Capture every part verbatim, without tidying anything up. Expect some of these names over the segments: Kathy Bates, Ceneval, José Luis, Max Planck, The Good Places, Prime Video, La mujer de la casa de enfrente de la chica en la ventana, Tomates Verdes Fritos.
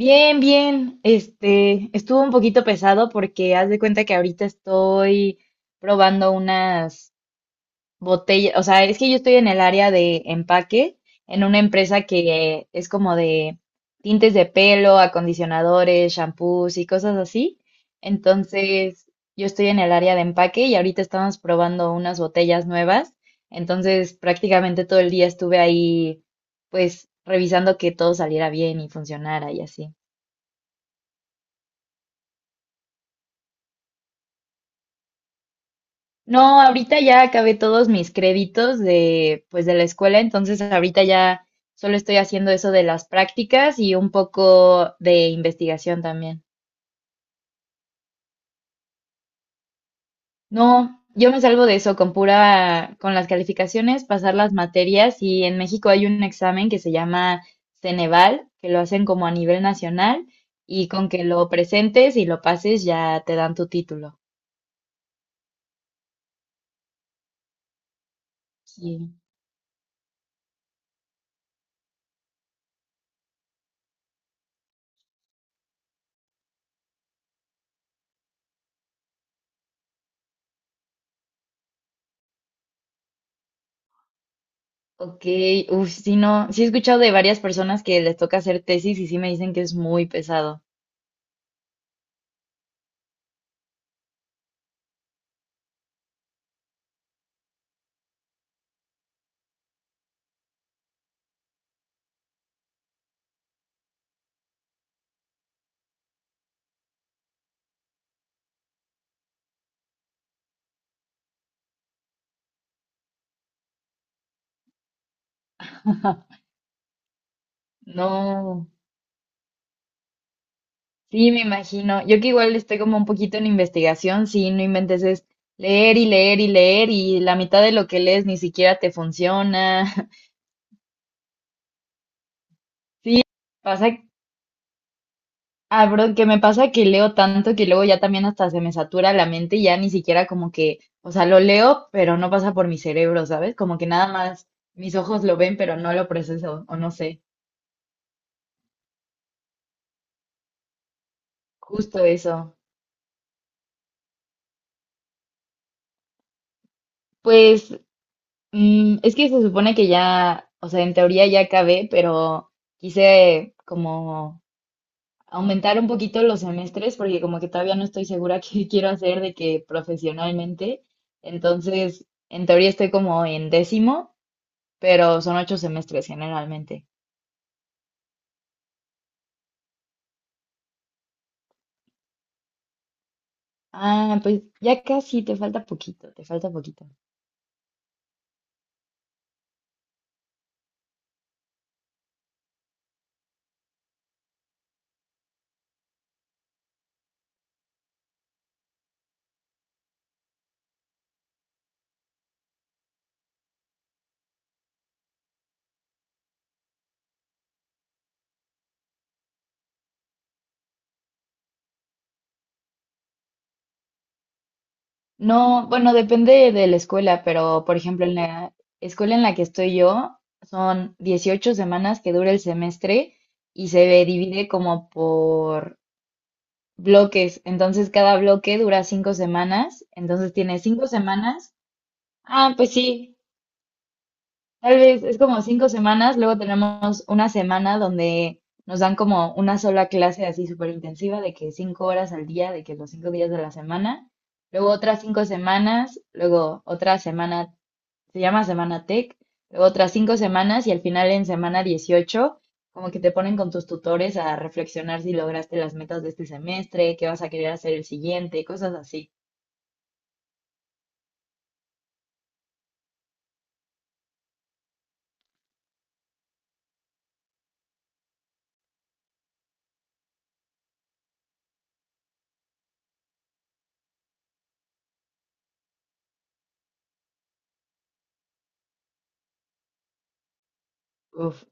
Bien, bien. Este, estuvo un poquito pesado porque haz de cuenta que ahorita estoy probando unas botellas, o sea, es que yo estoy en el área de empaque, en una empresa que es como de tintes de pelo, acondicionadores, shampoos y cosas así. Entonces, yo estoy en el área de empaque y ahorita estamos probando unas botellas nuevas. Entonces, prácticamente todo el día estuve ahí, pues, revisando que todo saliera bien y funcionara y así. No, ahorita ya acabé todos mis créditos de, pues, de la escuela, entonces ahorita ya solo estoy haciendo eso de las prácticas y un poco de investigación también. No, yo me salvo de eso con pura, con las calificaciones, pasar las materias y en México hay un examen que se llama Ceneval, que lo hacen como a nivel nacional y con que lo presentes y lo pases ya te dan tu título. Sí. Ok, uff, sí, no, sí he escuchado de varias personas que les toca hacer tesis y sí me dicen que es muy pesado. No, sí, me imagino. Yo que igual estoy como un poquito en investigación, sí, no inventes, es leer y leer y leer y la mitad de lo que lees ni siquiera te funciona. Sí, pasa, ah, bro, que me pasa que leo tanto que luego ya también hasta se me satura la mente y ya ni siquiera como que, o sea, lo leo, pero no pasa por mi cerebro, ¿sabes? Como que nada más mis ojos lo ven, pero no lo proceso, o no sé. Justo eso. Pues mm, es que se supone que ya, o sea, en teoría ya acabé, pero quise como aumentar un poquito los semestres porque como que todavía no estoy segura qué quiero hacer de que profesionalmente. Entonces, en teoría estoy como en décimo, pero son ocho semestres generalmente. Ah, pues ya casi, te falta poquito, te falta poquito. No, bueno, depende de la escuela, pero por ejemplo, en la escuela en la que estoy yo, son dieciocho semanas que dura el semestre y se divide como por bloques. Entonces, cada bloque dura cinco semanas. Entonces, tienes cinco semanas. Ah, pues sí, Tal vez es como cinco semanas, luego tenemos una semana donde nos dan como una sola clase así súper intensiva de que cinco horas al día, de que los cinco días de la semana, luego otras cinco semanas, luego otra semana, se llama semana tech, luego otras cinco semanas y al final en semana dieciocho como que te ponen con tus tutores a reflexionar si lograste las metas de este semestre, qué vas a querer hacer el siguiente, cosas así. Uf,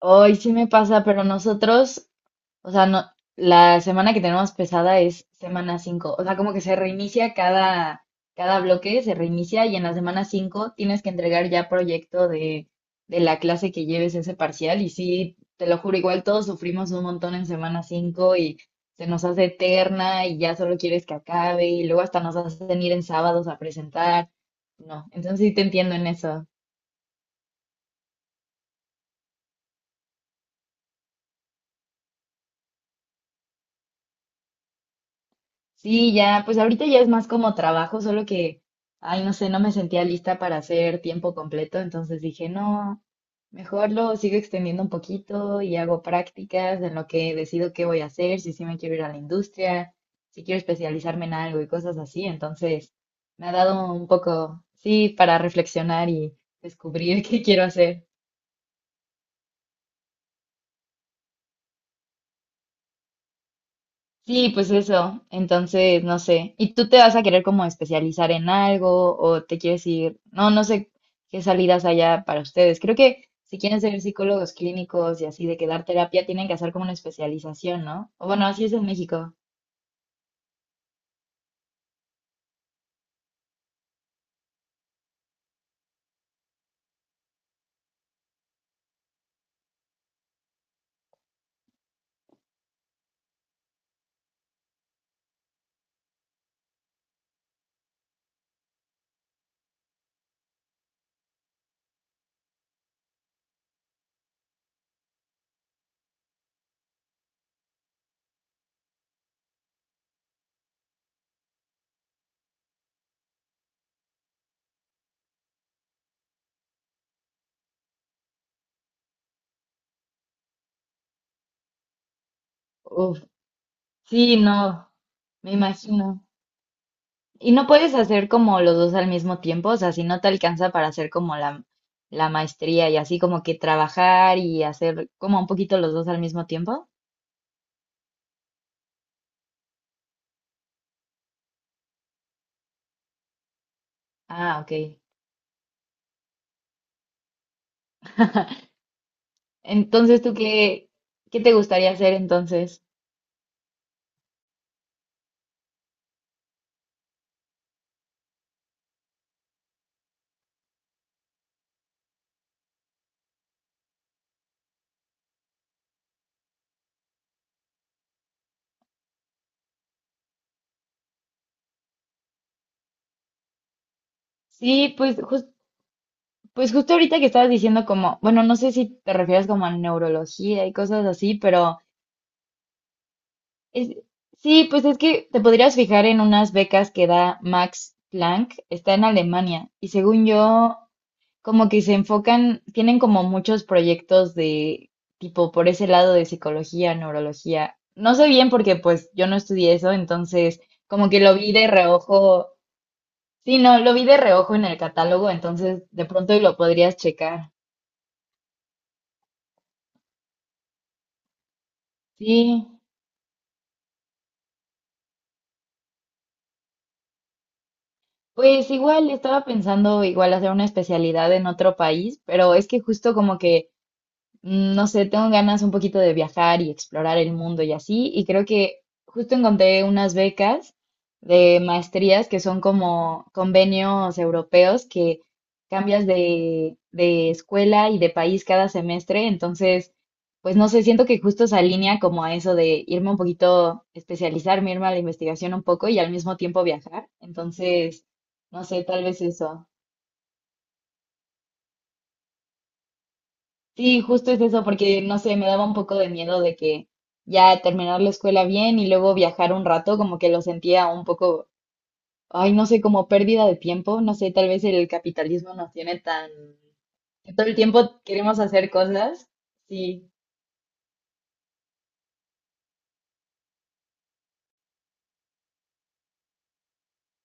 hoy sí me pasa, pero nosotros, O sea, no, la semana que tenemos pesada es semana cinco. O sea, como que se reinicia cada, cada bloque, se reinicia y en la semana cinco tienes que entregar ya proyecto de, de la clase que lleves ese parcial. Y sí, te lo juro, igual todos sufrimos un montón en semana cinco y se nos hace eterna y ya solo quieres que acabe y luego hasta nos hacen ir en sábados a presentar. No, entonces sí te entiendo en eso. Sí, ya, pues ahorita ya es más como trabajo, solo que, ay, no sé, no me sentía lista para hacer tiempo completo, entonces dije, no, mejor lo sigo extendiendo un poquito y hago prácticas en lo que decido qué voy a hacer, si sí me quiero ir a la industria, si quiero especializarme en algo y cosas así, entonces me ha dado un poco, sí, para reflexionar y descubrir qué quiero hacer. Sí, pues eso. Entonces, no sé. ¿Y tú te vas a querer como especializar en algo o te quieres ir? No, no sé qué salidas haya para ustedes. Creo que si quieren ser psicólogos clínicos y así de que dar terapia, tienen que hacer como una especialización, ¿no? O bueno, así es en México. Uf, sí, no, me imagino. Y no puedes hacer como los dos al mismo tiempo, o sea, si no te alcanza para hacer como la, la maestría y así como que trabajar y hacer como un poquito los dos al mismo tiempo. Ah, ok. Entonces, ¿tú qué, qué te gustaría hacer entonces? Sí, pues, jus- pues justo ahorita que estabas diciendo como, bueno, no sé si te refieres como a neurología y cosas así, pero es, sí, pues es que te podrías fijar en unas becas que da Max Planck, está en Alemania, y según yo, como que se enfocan, tienen como muchos proyectos de tipo por ese lado de psicología, neurología. No sé bien porque pues yo no estudié eso, entonces como que lo vi de reojo. Sí, no, lo vi de reojo en el catálogo, entonces de pronto y lo podrías checar. Sí, pues igual estaba pensando igual hacer una especialidad en otro país, pero es que justo como que mm, no sé, tengo ganas un poquito de viajar y explorar el mundo y así, y creo que justo encontré unas becas de maestrías que son como convenios europeos que cambias de, de escuela y de país cada semestre, entonces, pues no sé, siento que justo se alinea como a eso de irme un poquito, especializarme, irme a la investigación un poco y al mismo tiempo viajar, entonces, no sé, tal vez eso. Sí, justo es eso, porque no sé, me daba un poco de miedo de que ya terminar la escuela bien y luego viajar un rato, como que lo sentía un poco, ay, no sé, como pérdida de tiempo, no sé, tal vez el capitalismo nos tiene tan, que todo el tiempo queremos hacer cosas. Sí,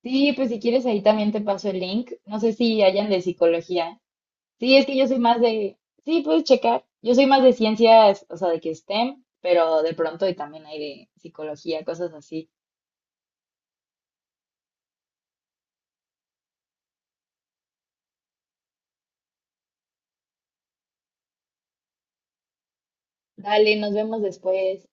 sí, pues si quieres ahí también te paso el link, no sé si hayan de psicología. Sí, es que yo soy más de, sí, puedes checar, yo soy más de ciencias, o sea, de que STEM, pero de pronto y también hay de psicología, cosas así. Dale, nos vemos después.